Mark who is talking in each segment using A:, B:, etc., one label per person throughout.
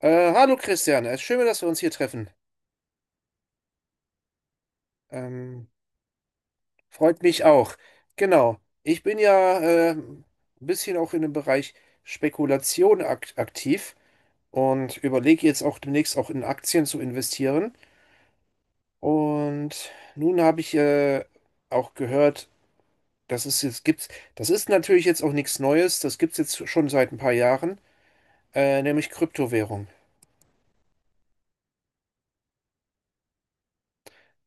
A: Hallo Christian, es ist schön, dass wir uns hier treffen. Ähm, Freut mich auch. Genau, ich bin ja ein bisschen auch in dem Bereich Spekulation ak aktiv und überlege jetzt auch demnächst auch in Aktien zu investieren. Und nun habe ich auch gehört, dass es jetzt gibt, das ist natürlich jetzt auch nichts Neues, das gibt es jetzt schon seit ein paar Jahren, nämlich Kryptowährung.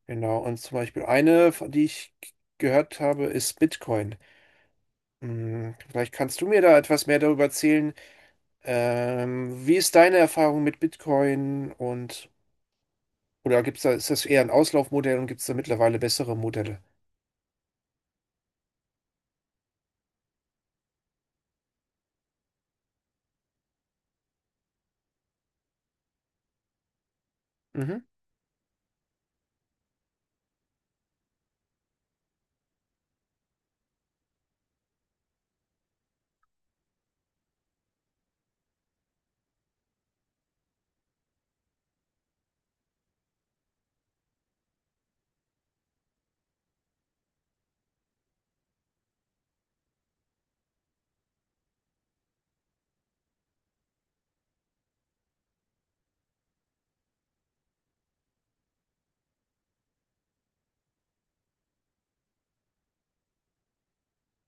A: Genau, und zum Beispiel eine, von die ich gehört habe, ist Bitcoin. Hm, Vielleicht kannst du mir da etwas mehr darüber erzählen. Wie ist deine Erfahrung mit Bitcoin und oder gibt's da, ist das eher ein Auslaufmodell und gibt es da mittlerweile bessere Modelle? Mhm.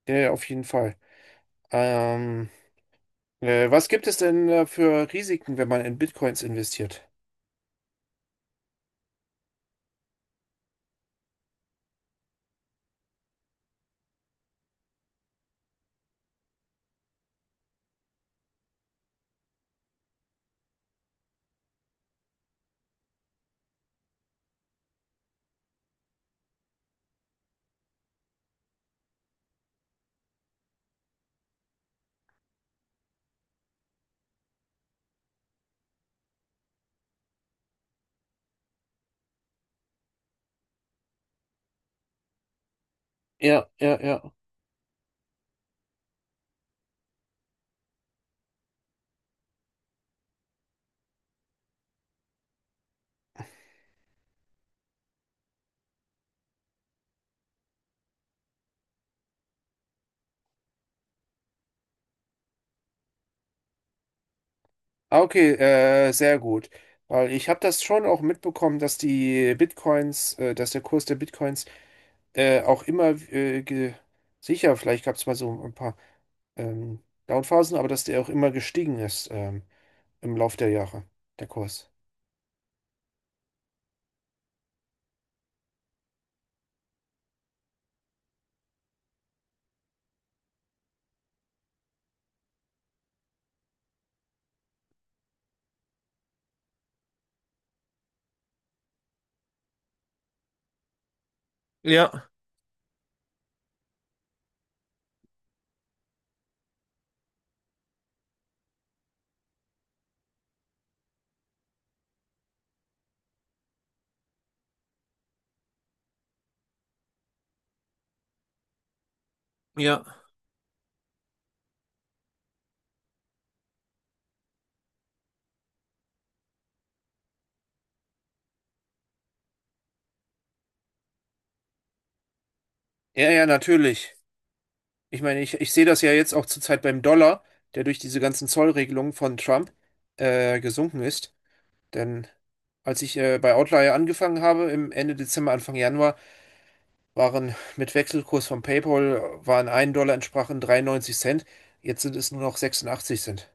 A: Ja, ja, auf jeden Fall. Ähm, Was gibt es denn für Risiken, wenn man in Bitcoins investiert? Ja, ja, ja. Ah, okay, sehr gut. Weil ich habe das schon auch mitbekommen, dass die Bitcoins, dass der Kurs der Bitcoins auch immer sicher, vielleicht gab es mal so ein paar ähm, Downphasen, aber dass der auch immer gestiegen ist, im Lauf der Jahre, der Kurs. Ja, ja, ja, natürlich. Ich meine, ich sehe das ja jetzt auch zurzeit beim Dollar, der durch diese ganzen Zollregelungen von Trump gesunken ist. Denn als ich bei Outlier angefangen habe, im Ende Dezember, Anfang Januar, waren mit Wechselkurs von PayPal, waren ein Dollar entsprachen 93 Cent. Jetzt sind es nur noch 86 Cent.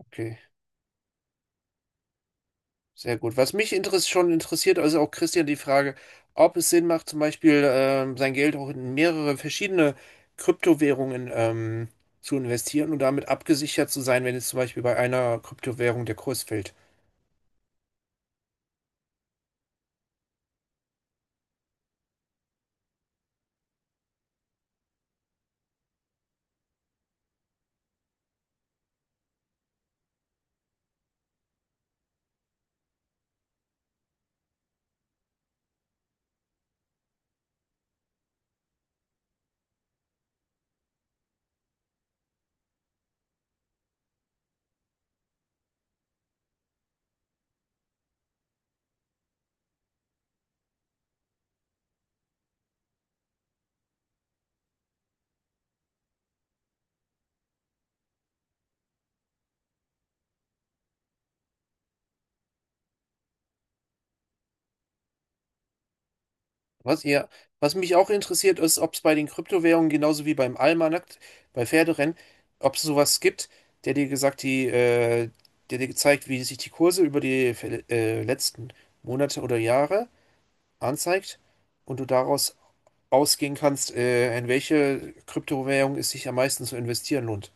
A: Okay. Sehr gut. Was mich interess schon interessiert, also auch Christian, die Frage, ob es Sinn macht, zum Beispiel sein Geld auch in mehrere verschiedene Kryptowährungen zu investieren und damit abgesichert zu sein, wenn jetzt zum Beispiel bei einer Kryptowährung der Kurs fällt. Was ihr, was mich auch interessiert, ist, ob es bei den Kryptowährungen genauso wie beim Almanakt, bei Pferderennen, ob es sowas gibt, der dir gesagt, die, äh, der dir gezeigt, wie sich die Kurse über die letzten Monate oder Jahre anzeigt und du daraus ausgehen kannst, in welche Kryptowährung es sich am meisten zu investieren lohnt.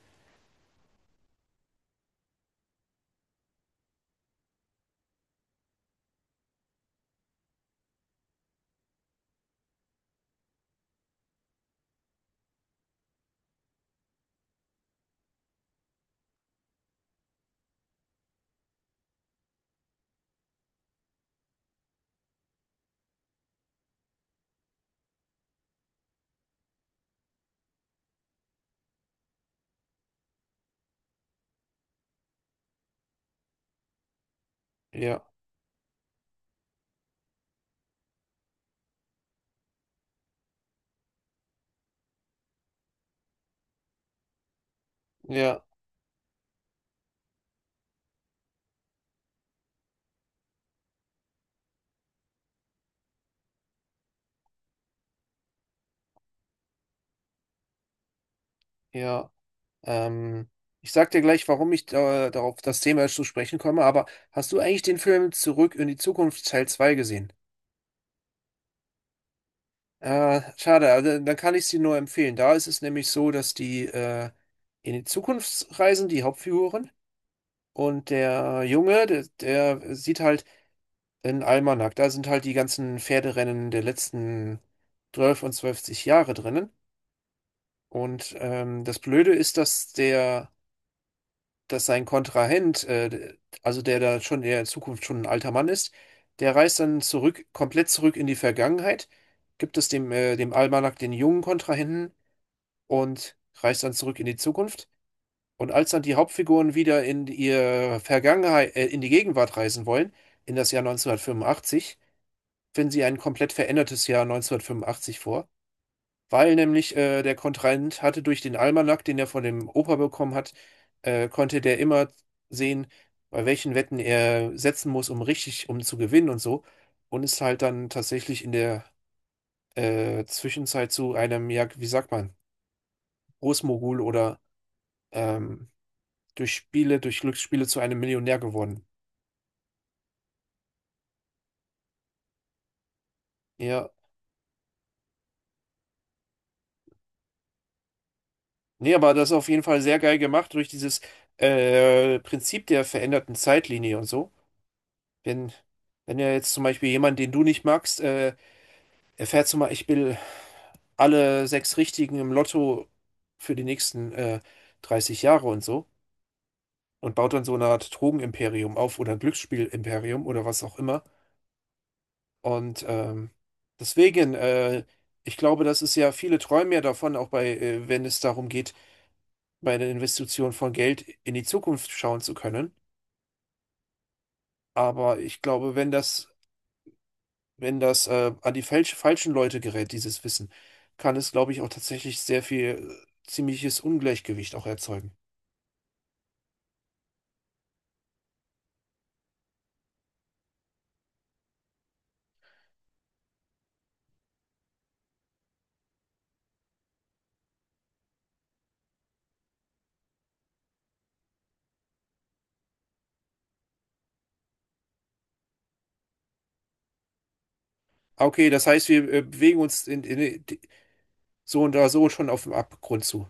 A: Ja, ja, ja. Ähm, Ich sag dir gleich, warum ich darauf das Thema zu sprechen komme, aber hast du eigentlich den Film Zurück in die Zukunft Teil 2 gesehen? Schade, also, dann kann ich sie nur empfehlen. Da ist es nämlich so, dass die in die Zukunft reisen, die Hauptfiguren, und der Junge, der sieht halt einen Almanach. Da sind halt die ganzen Pferderennen der letzten 12 und zwölfzig Jahre drinnen. Und das Blöde ist, dass sein Kontrahent, also der da schon der in Zukunft schon ein alter Mann ist, der reist dann zurück, komplett zurück in die Vergangenheit, gibt es dem, dem Almanach den jungen Kontrahenten und reist dann zurück in die Zukunft. Und als dann die Hauptfiguren wieder in ihre Vergangenheit, in die Gegenwart reisen wollen, in das Jahr neunzehnhundertfünfundachtzig, finden sie ein komplett verändertes Jahr neunzehnhundertfünfundachtzig vor. Weil nämlich der Kontrahent hatte durch den Almanach, den er von dem Opa bekommen hat, konnte der immer sehen, bei welchen Wetten er setzen muss, um richtig, um zu gewinnen und so. Und ist halt dann tatsächlich in der Zwischenzeit zu einem, ja, wie sagt man, Großmogul oder ähm, durch Spiele, durch Glücksspiele zu einem Millionär geworden. Ja. Nee, aber das ist auf jeden Fall sehr geil gemacht durch dieses Prinzip der veränderten Zeitlinie und so. Wenn, wenn ja jetzt zum Beispiel jemand, den du nicht magst, erfährt zum Beispiel alle sechs Richtigen im Lotto für die nächsten 30 Jahre und so und baut dann so eine Art Drogenimperium auf oder ein Glücksspielimperium oder was auch immer. Und deswegen, ich glaube, das ist ja, viele träumen ja davon, auch bei, wenn es darum geht, bei der Investition von Geld in die Zukunft schauen zu können. Aber ich glaube, wenn das wenn das an die falschen Leute gerät, dieses Wissen, kann es, glaube ich, auch tatsächlich sehr viel ziemliches Ungleichgewicht auch erzeugen. Ah, okay, das heißt, wir bewegen uns in, so und da so schon auf dem Abgrund zu.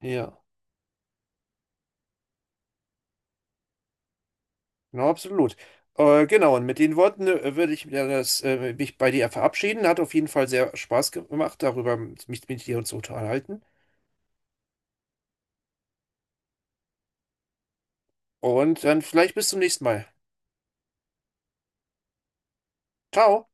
A: Ja, genau, absolut. Genau, und mit den Worten würde ich mir das, mich bei dir verabschieden. Hat auf jeden Fall sehr Spaß gemacht, darüber mich mit dir und zu unterhalten. Und dann vielleicht bis zum nächsten Mal. Ciao.